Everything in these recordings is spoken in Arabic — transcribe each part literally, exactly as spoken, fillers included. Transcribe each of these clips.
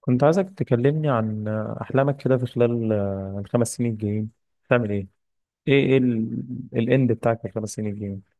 كنت عايزك تكلمني عن أحلامك كده في خلال آه، الخمس سنين الجايين تعمل إيه؟ إيه إيه ال- الإند بتاعك في الخمس سنين الجايين؟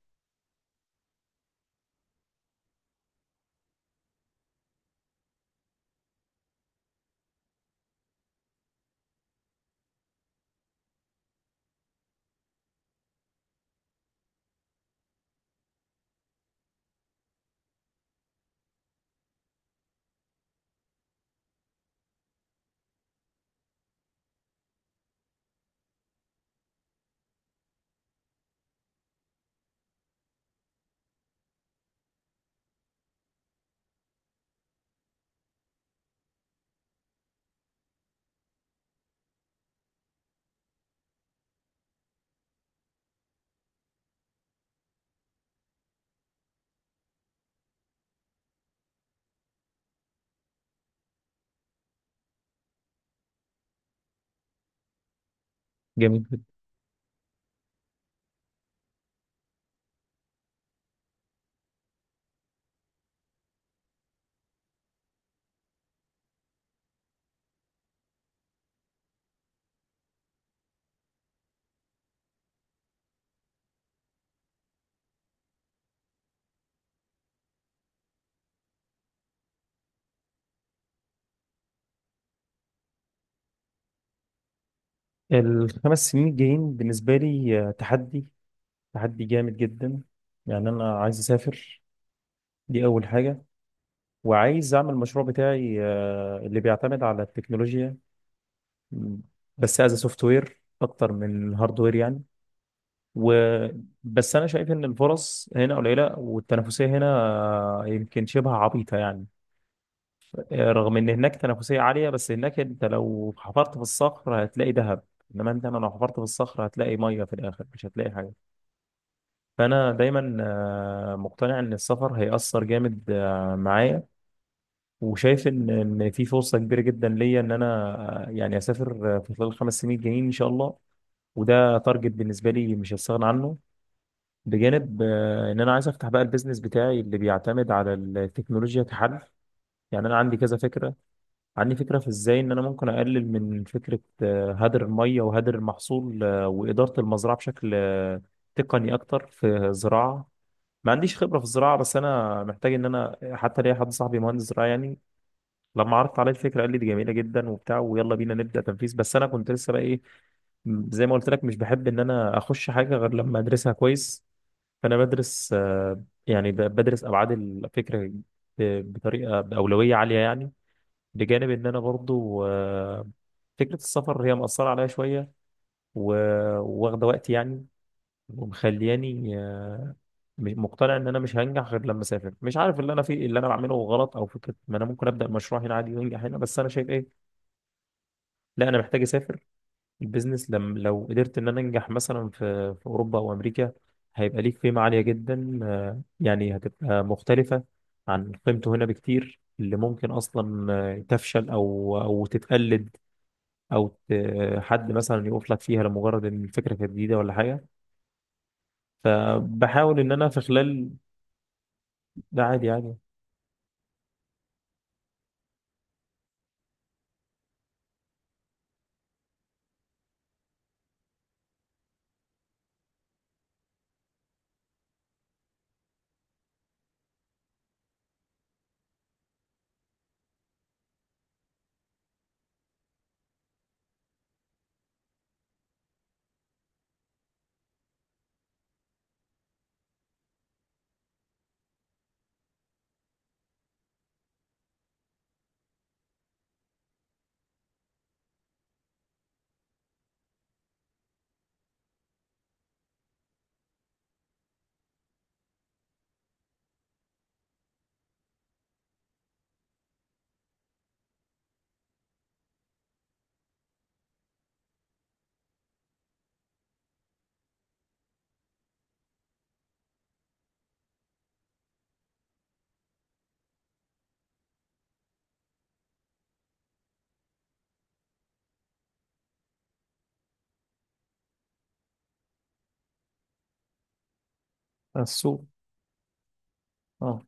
جميل جدا. الخمس سنين الجايين بالنسبة لي آه، تحدي تحدي جامد جدا. يعني أنا عايز أسافر، دي أول حاجة. وعايز أعمل المشروع بتاعي آه، اللي بيعتمد على التكنولوجيا. م، بس از سوفت وير أكتر من هاردوير يعني. و بس انا شايف ان الفرص هنا قليله والتنافسيه هنا آه، يمكن شبه عبيطه يعني. آه، رغم ان هناك تنافسيه عاليه، بس هناك انت لو حفرت في الصخر هتلاقي ذهب، انما انت انا لو حفرت في الصخر هتلاقي ميه في الاخر، مش هتلاقي حاجه. فانا دايما آه، مقتنع ان السفر هيأثر جامد آه، معايا. وشايف ان ان في فرصه كبيره جدا ليا ان انا آه، يعني اسافر آه، في خلال الخمس سنين الجايين ان شاء الله. وده تارجت بالنسبه لي مش هستغنى عنه. بجانب آه، ان انا عايز افتح بقى البيزنس بتاعي اللي بيعتمد على التكنولوجيا كحل. يعني انا عندي كذا فكره. عندي فكرة في ازاي ان انا ممكن اقلل من فكرة آه، هدر المية وهدر المحصول آه، وإدارة المزرعة بشكل آه، تقني اكتر في الزراعة. ما عنديش خبرة في الزراعة، بس انا محتاج ان انا حتى ليا حد صاحبي مهندس زراعة يعني. لما عرضت عليه الفكرة قال لي دي جميلة جدا وبتاع، ويلا بينا نبدأ تنفيذ. بس انا كنت لسه بقى ايه، م- زي ما قلت لك، مش بحب ان انا اخش حاجة غير لما ادرسها كويس. فانا بدرس آه، يعني ب- بدرس ابعاد الفكرة ب- بطريقة بأولوية عالية يعني. بجانب ان انا برضو آه، فكره السفر هي مأثره عليا شويه و- وواخده وقت يعني. ومخلياني آه، م- مقتنع ان انا مش هنجح غير لما اسافر. مش عارف اللي انا فيه اللي انا بعمله غلط، او فكره ما انا ممكن ابدا مشروع هنا عادي وانجح هنا. بس انا شايف ايه، لا انا محتاج اسافر. البيزنس لم لو قدرت ان انا انجح مثلا في في اوروبا او امريكا، هيبقى ليك قيمه عاليه جدا آه، يعني هتبقى مختلفه عن قيمته هنا بكتير، اللي ممكن اصلا آه، تفشل او او تتقلد، او ت- حد مثلا يقف لك فيها لمجرد ان الفكره كانت جديده ولا حاجه. فبحاول ان انا في خلال... ده عادي يعني. السوق. اه.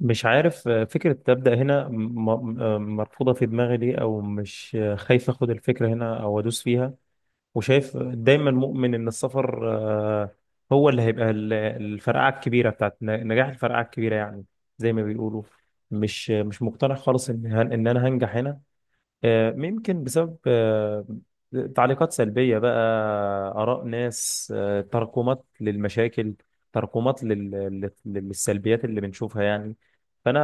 مش عارف آه، فكره تبدا هنا م- م- آه، مرفوضه في دماغي ليه، او مش آه، خايف اخد الفكره هنا او ادوس فيها. وشايف دايما مؤمن ان السفر آه، هو اللي هيبقى ال- الفرقعه الكبيره بتاعت ن- نجاح، الفرقعه الكبيره يعني، زي ما بيقولوا. مش مش مقتنع خالص ان هن- ان انا هنجح هنا. آه، يمكن بسبب آه، تعليقات سلبية بقى، آراء ناس، آه، تراكمات للمشاكل، تراكمات لل... لل- للسلبيات اللي بنشوفها يعني. فأنا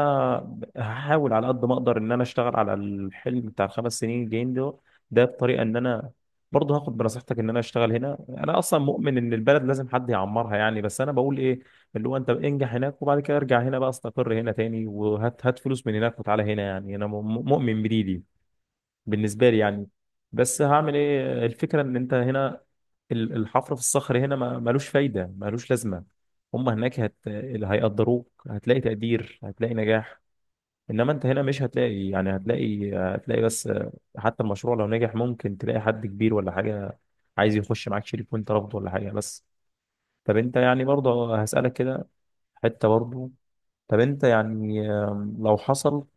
هحاول على قد ما أقدر إن أنا أشتغل على الحلم بتاع الخمس سنين الجايين ده. ده بطريقة إن أنا برضه هاخد بنصيحتك إن أنا أشتغل هنا. أنا أصلا مؤمن إن البلد لازم حد يعمرها يعني، بس أنا بقول إيه، اللي هو أنت انجح هناك وبعد كده ارجع هنا بقى، استقر هنا تاني وهات هات فلوس من هناك وتعالى هنا يعني. أنا م- مؤمن بدي دي بالنسبه لي يعني. بس هعمل ايه، الفكره ان انت هنا ال- الحفر في الصخر هنا ما- ملوش فايده ملوش لازمه. هم هناك هت... اللي هيقدروك، هتلاقي تقدير، هتلاقي نجاح. انما انت هنا مش هتلاقي يعني، هتلاقي هتلاقي بس. حتى المشروع لو نجح ممكن تلاقي حد كبير ولا حاجه عايز يخش معاك شريك وانت رافضه ولا حاجه. بس طب انت يعني برضه هسألك كده حته برضه. طب انت يعني آم، لو حصل،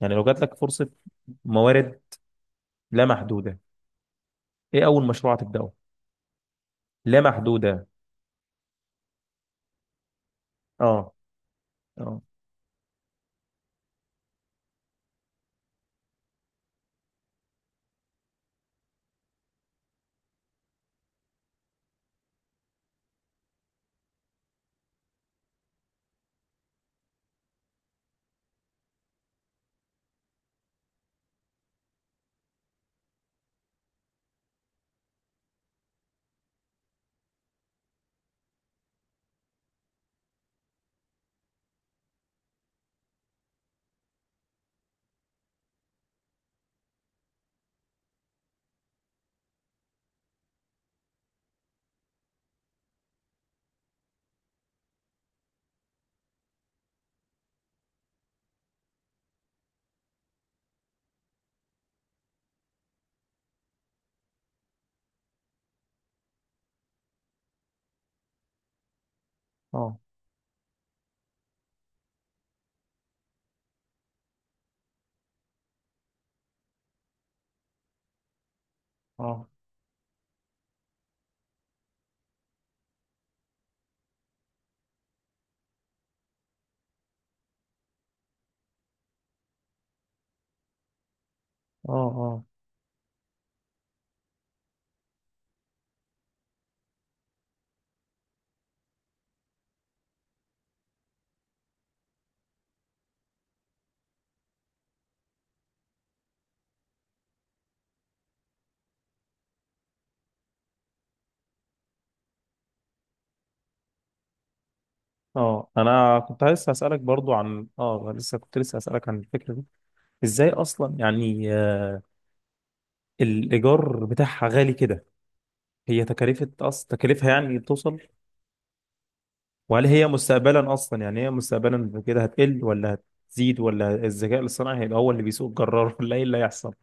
يعني لو جات لك فرصه، موارد لا محدوده، ايه اول مشروع هتبداه؟ لا محدوده. اه. اه. اه. اه. اه. اه. اه، انا كنت لسه هسالك برضو عن اه لسه كنت لسه هسالك عن الفكره دي. ازاي اصلا يعني آه الايجار بتاعها غالي كده؟ هي تكلفه اصلا، تكلفها يعني بتوصل. وهل هي مستقبلا اصلا يعني، هي مستقبلا كده هتقل ولا هتزيد؟ ولا الذكاء الاصطناعي هيبقى هو اللي بيسوق الجرار ولا ايه اللي هيحصل؟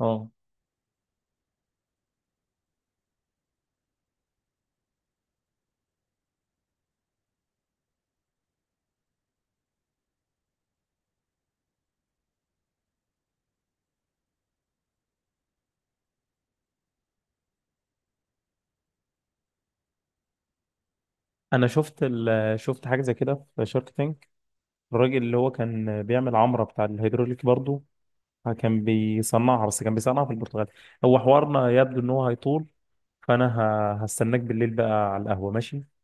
اه، انا شفت ال- شفت حاجه زي كده في شارك ثانك، الراجل اللي هو كان بيعمل عمرة بتاع الهيدروليك برضو آه، كان بيصنعها، بس كان بيصنعها في البرتغال. هو حوارنا يبدو ان هو هيطول. فانا ه- هستناك بالليل بقى على القهوة. ماشي.